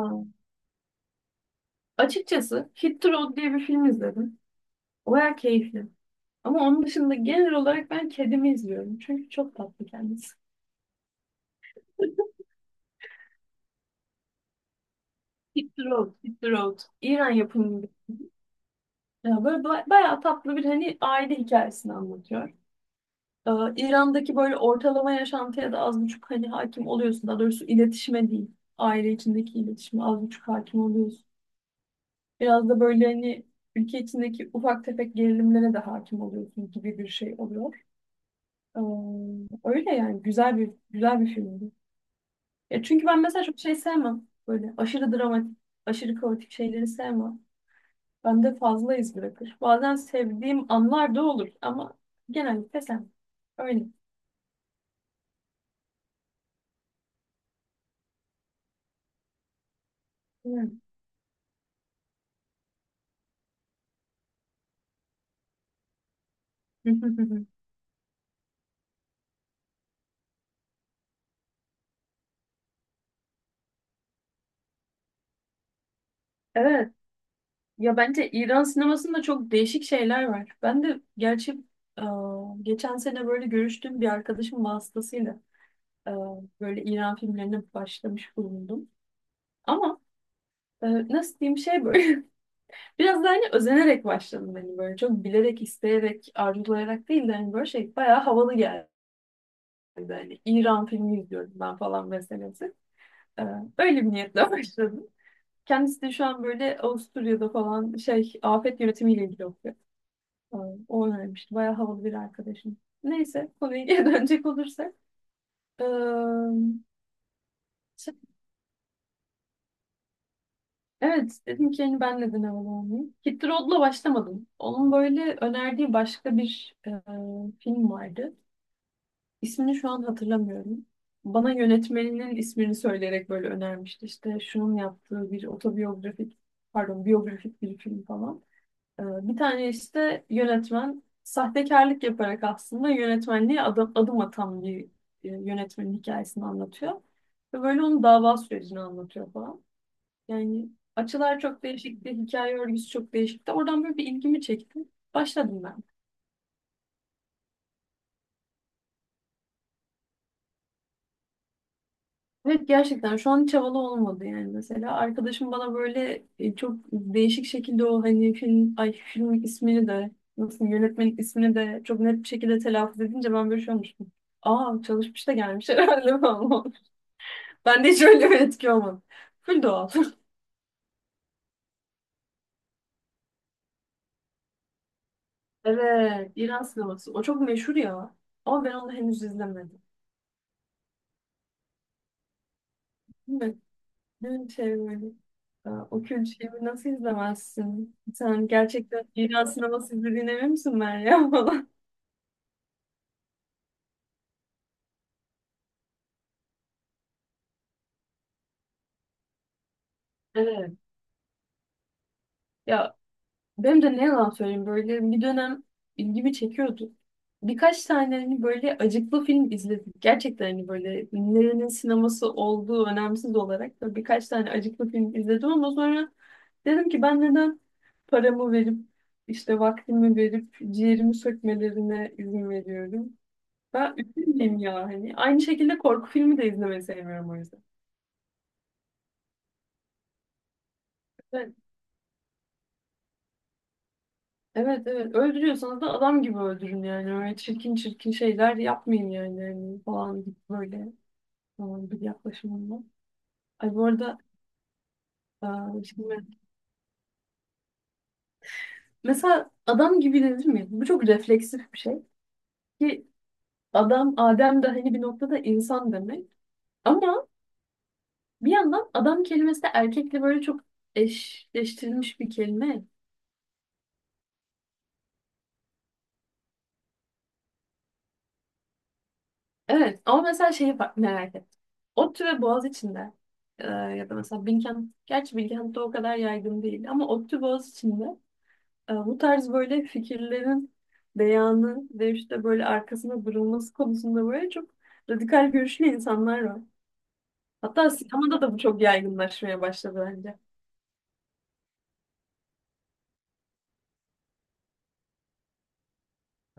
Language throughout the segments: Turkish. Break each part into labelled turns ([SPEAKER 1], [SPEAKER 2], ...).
[SPEAKER 1] Aa. Açıkçası Hit the Road diye bir film izledim. Baya keyifli. Ama onun dışında genel olarak ben kedimi izliyorum. Çünkü çok tatlı kendisi. Hit the Road, Hit the Road. İran yapımı bir. Ya böyle bayağı tatlı bir hani aile hikayesini anlatıyor. Ee, İran'daki böyle ortalama yaşantıya da az buçuk hani hakim oluyorsun. Daha doğrusu iletişime değil. Aile içindeki iletişime az buçuk hakim oluyorsun. Biraz da böyle hani ülke içindeki ufak tefek gerilimlere de hakim oluyorsun gibi bir şey oluyor. Ee, öyle yani güzel bir filmdi. Ya çünkü ben mesela çok şey sevmem. Böyle aşırı dramatik, aşırı kaotik şeyleri sevmem. Bende fazla iz bırakır. Bazen sevdiğim anlar da olur ama genellikle sevmem. Öyle. Bilmiyorum. Evet. Ya bence İran sinemasında çok değişik şeyler var. Ben de gerçi e, geçen sene böyle görüştüğüm bir arkadaşım vasıtasıyla e, böyle İran filmlerine başlamış bulundum. Ama nasıl diyeyim şey böyle. Biraz da hani özenerek başladım hani böyle çok bilerek, isteyerek, arzulayarak değil de hani böyle şey bayağı havalı geldi. Hani İran filmi izliyorum ben falan meselesi. Ee, öyle bir niyetle başladım. Kendisi de şu an böyle Avusturya'da falan şey afet yönetimiyle ilgili okuyor. Ee, o önermişti. Bayağı havalı bir arkadaşım. Neyse konuya geri dönecek olursak. Ee, şey- evet dedim ki hani ben neden havalı olmayayım. Hit the Road'la başlamadım. Onun böyle önerdiği başka bir film vardı. İsmini şu an hatırlamıyorum. Bana yönetmeninin ismini söyleyerek böyle önermişti. İşte şunun yaptığı bir otobiyografik, pardon biyografik bir film falan. Bir tane işte yönetmen sahtekarlık yaparak aslında yönetmenliğe adım atan bir yönetmenin hikayesini anlatıyor. Ve böyle onun dava sürecini anlatıyor falan. Yani açılar çok değişikti, hikaye örgüsü çok değişikti. Oradan böyle bir ilgimi çekti. Başladım ben. Evet gerçekten şu an hiç havalı olmadı yani mesela arkadaşım bana böyle çok değişik şekilde o hani filmin ismini de nasıl yönetmenin ismini de çok net bir şekilde telaffuz edince ben böyle şey olmuştum. Aa, çalışmış da gelmiş herhalde falan. Ben de hiç öyle bir etki olmadı. Full doğal. Evet, İran sineması o çok meşhur ya ama ben onu henüz izlemedim. Değil mi? Dün şey böyle. "Aa, o kült şeyi nasıl izlemezsin? Sen gerçekten İran sineması izlediğine emin misin Meryem?" Evet. Ya benim de ne yalan söyleyeyim böyle bir dönem ilgimi çekiyordu. Birkaç tane hani böyle acıklı film izledik. Gerçekten hani böyle nerenin sineması olduğu önemsiz olarak da birkaç tane acıklı film izledim ama sonra dedim ki ben neden paramı verip işte vaktimi verip ciğerimi sökmelerine izin veriyorum. Ben üzülmeyeyim ya hani. Aynı şekilde korku filmi de izlemeyi sevmiyorum o yüzden. Evet evet, öldürüyorsanız da adam gibi öldürün yani, öyle çirkin çirkin şeyler yapmayın yani. Hani falan gibi böyle falan bir yaklaşımında. Ay bu arada şimdi mesela adam gibi dedim ya, bu çok refleksif bir şey ki adam Adem de hani bir noktada insan demek ama bir yandan adam kelimesi de erkekle böyle çok eşleştirilmiş bir kelime. Evet ama mesela merak ettim. ODTÜ ve Boğaziçi'nde ya da mesela Bilkent, gerçi Bilkent'te o kadar yaygın değil ama ODTÜ Boğaziçi'nde bu tarz böyle fikirlerin beyanı ve işte böyle arkasında durulması konusunda böyle çok radikal görüşlü insanlar var. Hatta sinemada da bu çok yaygınlaşmaya başladı bence.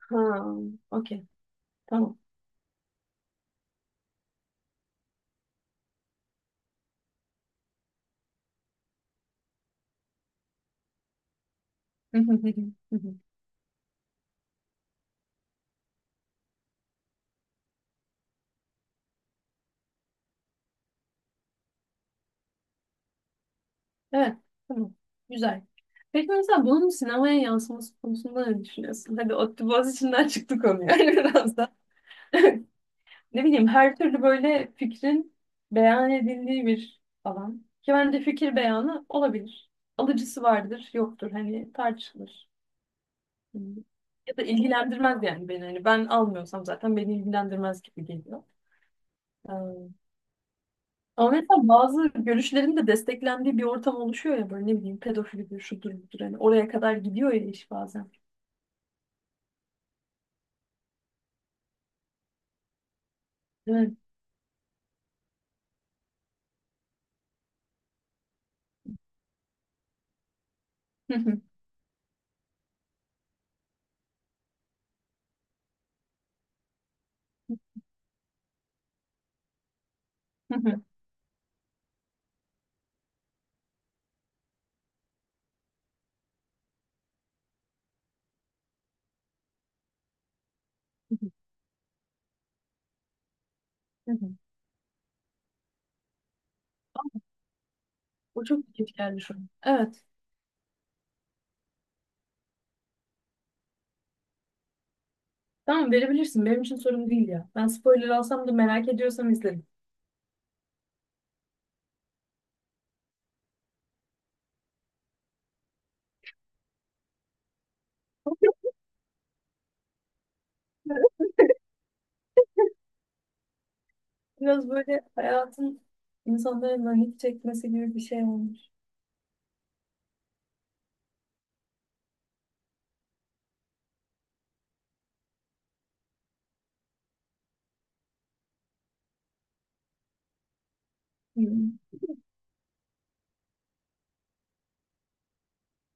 [SPEAKER 1] Ha, okey, tamam. Evet, tamam. Güzel. Peki mesela bunun sinemaya yansıması konusunda ne düşünüyorsun? Hadi ODTÜ Boğaziçi'nden çıktı konu yani biraz da. Ne bileyim, her türlü böyle fikrin beyan edildiği bir alan. Ki bence fikir beyanı olabilir. Alıcısı vardır, yoktur. Hani tartışılır. Hmm. Ya da ilgilendirmez yani beni. Hani ben almıyorsam zaten beni ilgilendirmez gibi geliyor. Ama mesela bazı görüşlerin de desteklendiği bir ortam oluşuyor ya, böyle ne bileyim pedofilidir, şudur budur. Hani oraya kadar gidiyor ya iş bazen. Değil. Hı hı, hı hı, hı hı, hı hı. O çok kötü geldi şu an. Evet. Tamam, verebilirsin. Benim için sorun değil ya. Ben spoiler alsam da merak ediyorsam izlerim. Biraz böyle hayatın, insanların lanet çekmesi gibi bir şey olmuş. Hı.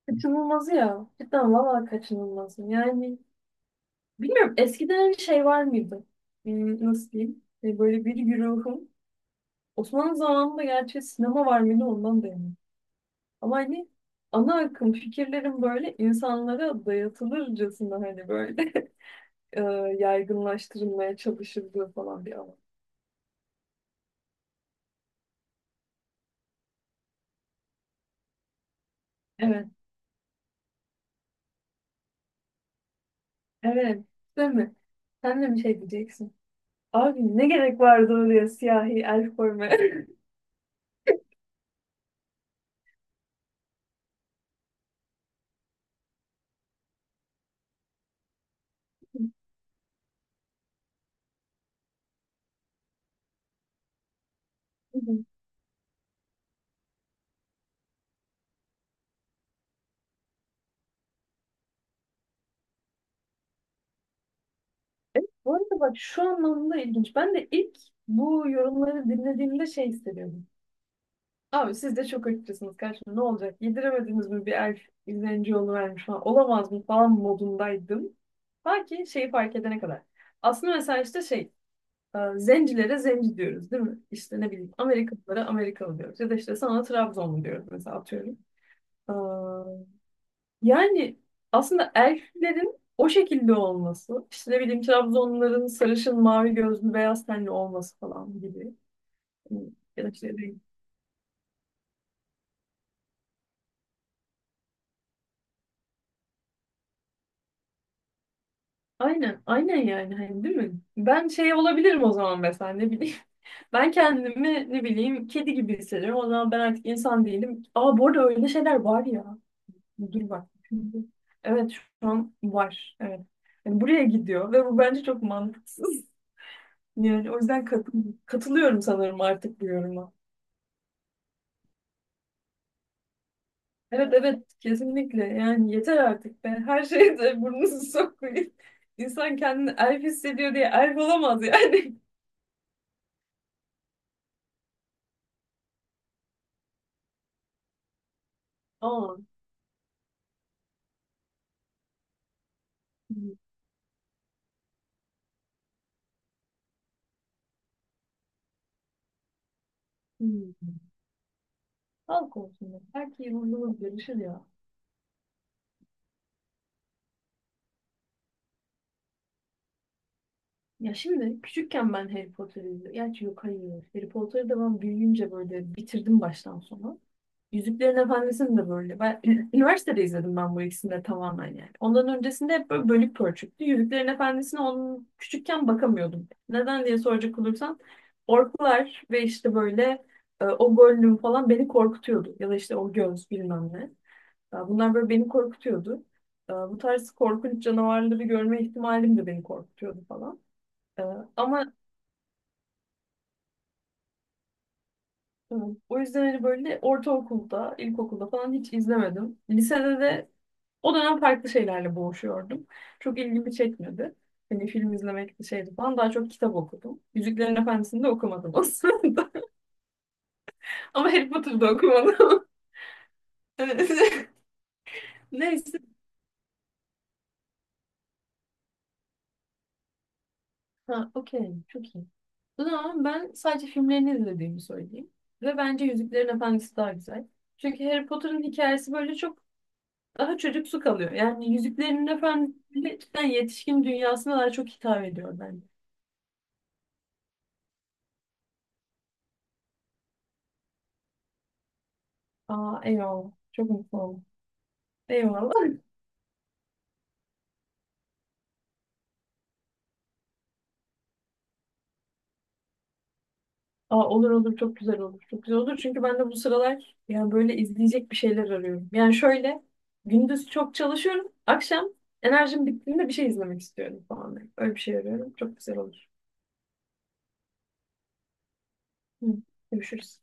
[SPEAKER 1] Kaçınılmazı ya. Cidden valla kaçınılmazı. Yani bilmiyorum, eskiden şey var mıydı? Hmm, nasıl diyeyim? Böyle bir güruhun Osmanlı zamanında gerçi sinema var mıydı ondan da emin. Ama hani ana akım fikirlerin böyle insanlara dayatılırcasına hani böyle e, yaygınlaştırılmaya çalışıldığı falan bir alan. Evet, evet. Değil mi? Sen de bir şey diyeceksin. Abi ne gerek vardı oraya siyahi el koymaya? Bu arada bak şu anlamda ilginç. Ben de ilk bu yorumları dinlediğimde şey hissediyordum. Abi siz de çok açıkçasınız karşım. Ne olacak? Yediremediniz mi bir elf izleyici yolu vermiş falan. Olamaz mı falan modundaydım. Ta ki şeyi fark edene kadar. Aslında mesela işte şey zencilere zenci diyoruz değil mi? İşte ne bileyim Amerikalılara Amerikalı diyoruz. Ya da işte sana Trabzonlu diyoruz mesela atıyorum. Ee, Yani aslında elflerin o şekilde olması, işte ne bileyim Trabzonluların sarışın, mavi gözlü, beyaz tenli olması falan gibi. Ya da işte aynen, aynen yani hani değil mi? Ben şey olabilirim o zaman mesela ne bileyim. Ben kendimi ne bileyim kedi gibi hissediyorum. O zaman ben artık insan değilim. Aa bu arada öyle şeyler var ya. Dur bak. Evet şu an var. Evet. Yani buraya gidiyor ve bu bence çok mantıksız. Yani o yüzden katılıyorum sanırım artık bu yoruma. Evet evet, kesinlikle. Yani yeter artık be. Her şeye de burnunuzu sokmayın. İnsan kendini elf hissediyor diye elf olamaz yani. Aa. Hmm. Halk olsun. Belki yıldızımız görüşür ya. Ya şimdi küçükken ben Harry Potter'ı izliyordum. Gerçi yok, hayır. Harry Potter'ı da ben büyüyünce böyle bitirdim baştan sona. Yüzüklerin Efendisi'ni de böyle. Ben üniversitede izledim ben bu ikisini de tamamen yani. Ondan öncesinde hep böyle bölük pörçüktü. Yüzüklerin Efendisi'ne onun küçükken bakamıyordum. Neden diye soracak olursan orklar ve işte böyle o Gollum falan beni korkutuyordu. Ya da işte o göz bilmem ne. Ya bunlar böyle beni korkutuyordu. Bu tarz korkunç canavarları görme ihtimalim de beni korkutuyordu falan. Ee, Ama e, o yüzden hani böyle ortaokulda, ilkokulda falan hiç izlemedim. Lisede de o dönem farklı şeylerle boğuşuyordum. Çok ilgimi çekmedi. Hani film izlemek şeydi falan. Daha çok kitap okudum. Yüzüklerin Efendisi'ni de okumadım aslında. Ama Harry Potter'da okumadım. Evet. Neyse. Ha, okey. Çok iyi. Ama ben sadece filmlerini izlediğimi söyleyeyim. Ve bence Yüzüklerin Efendisi daha güzel. Çünkü Harry Potter'ın hikayesi böyle çok daha çocuksu kalıyor. Yani Yüzüklerin Efendisi cidden yetişkin dünyasına daha çok hitap ediyor bence. Aa eyvallah. Çok mutlu oldum. Eyvallah. Aa, olur olur, çok güzel olur. Çok güzel olur. Çünkü ben de bu sıralar yani böyle izleyecek bir şeyler arıyorum. Yani şöyle gündüz çok çalışıyorum. Akşam enerjim bittiğinde bir şey izlemek istiyorum falan. Öyle bir şey arıyorum. Çok güzel olur. Hı. Görüşürüz.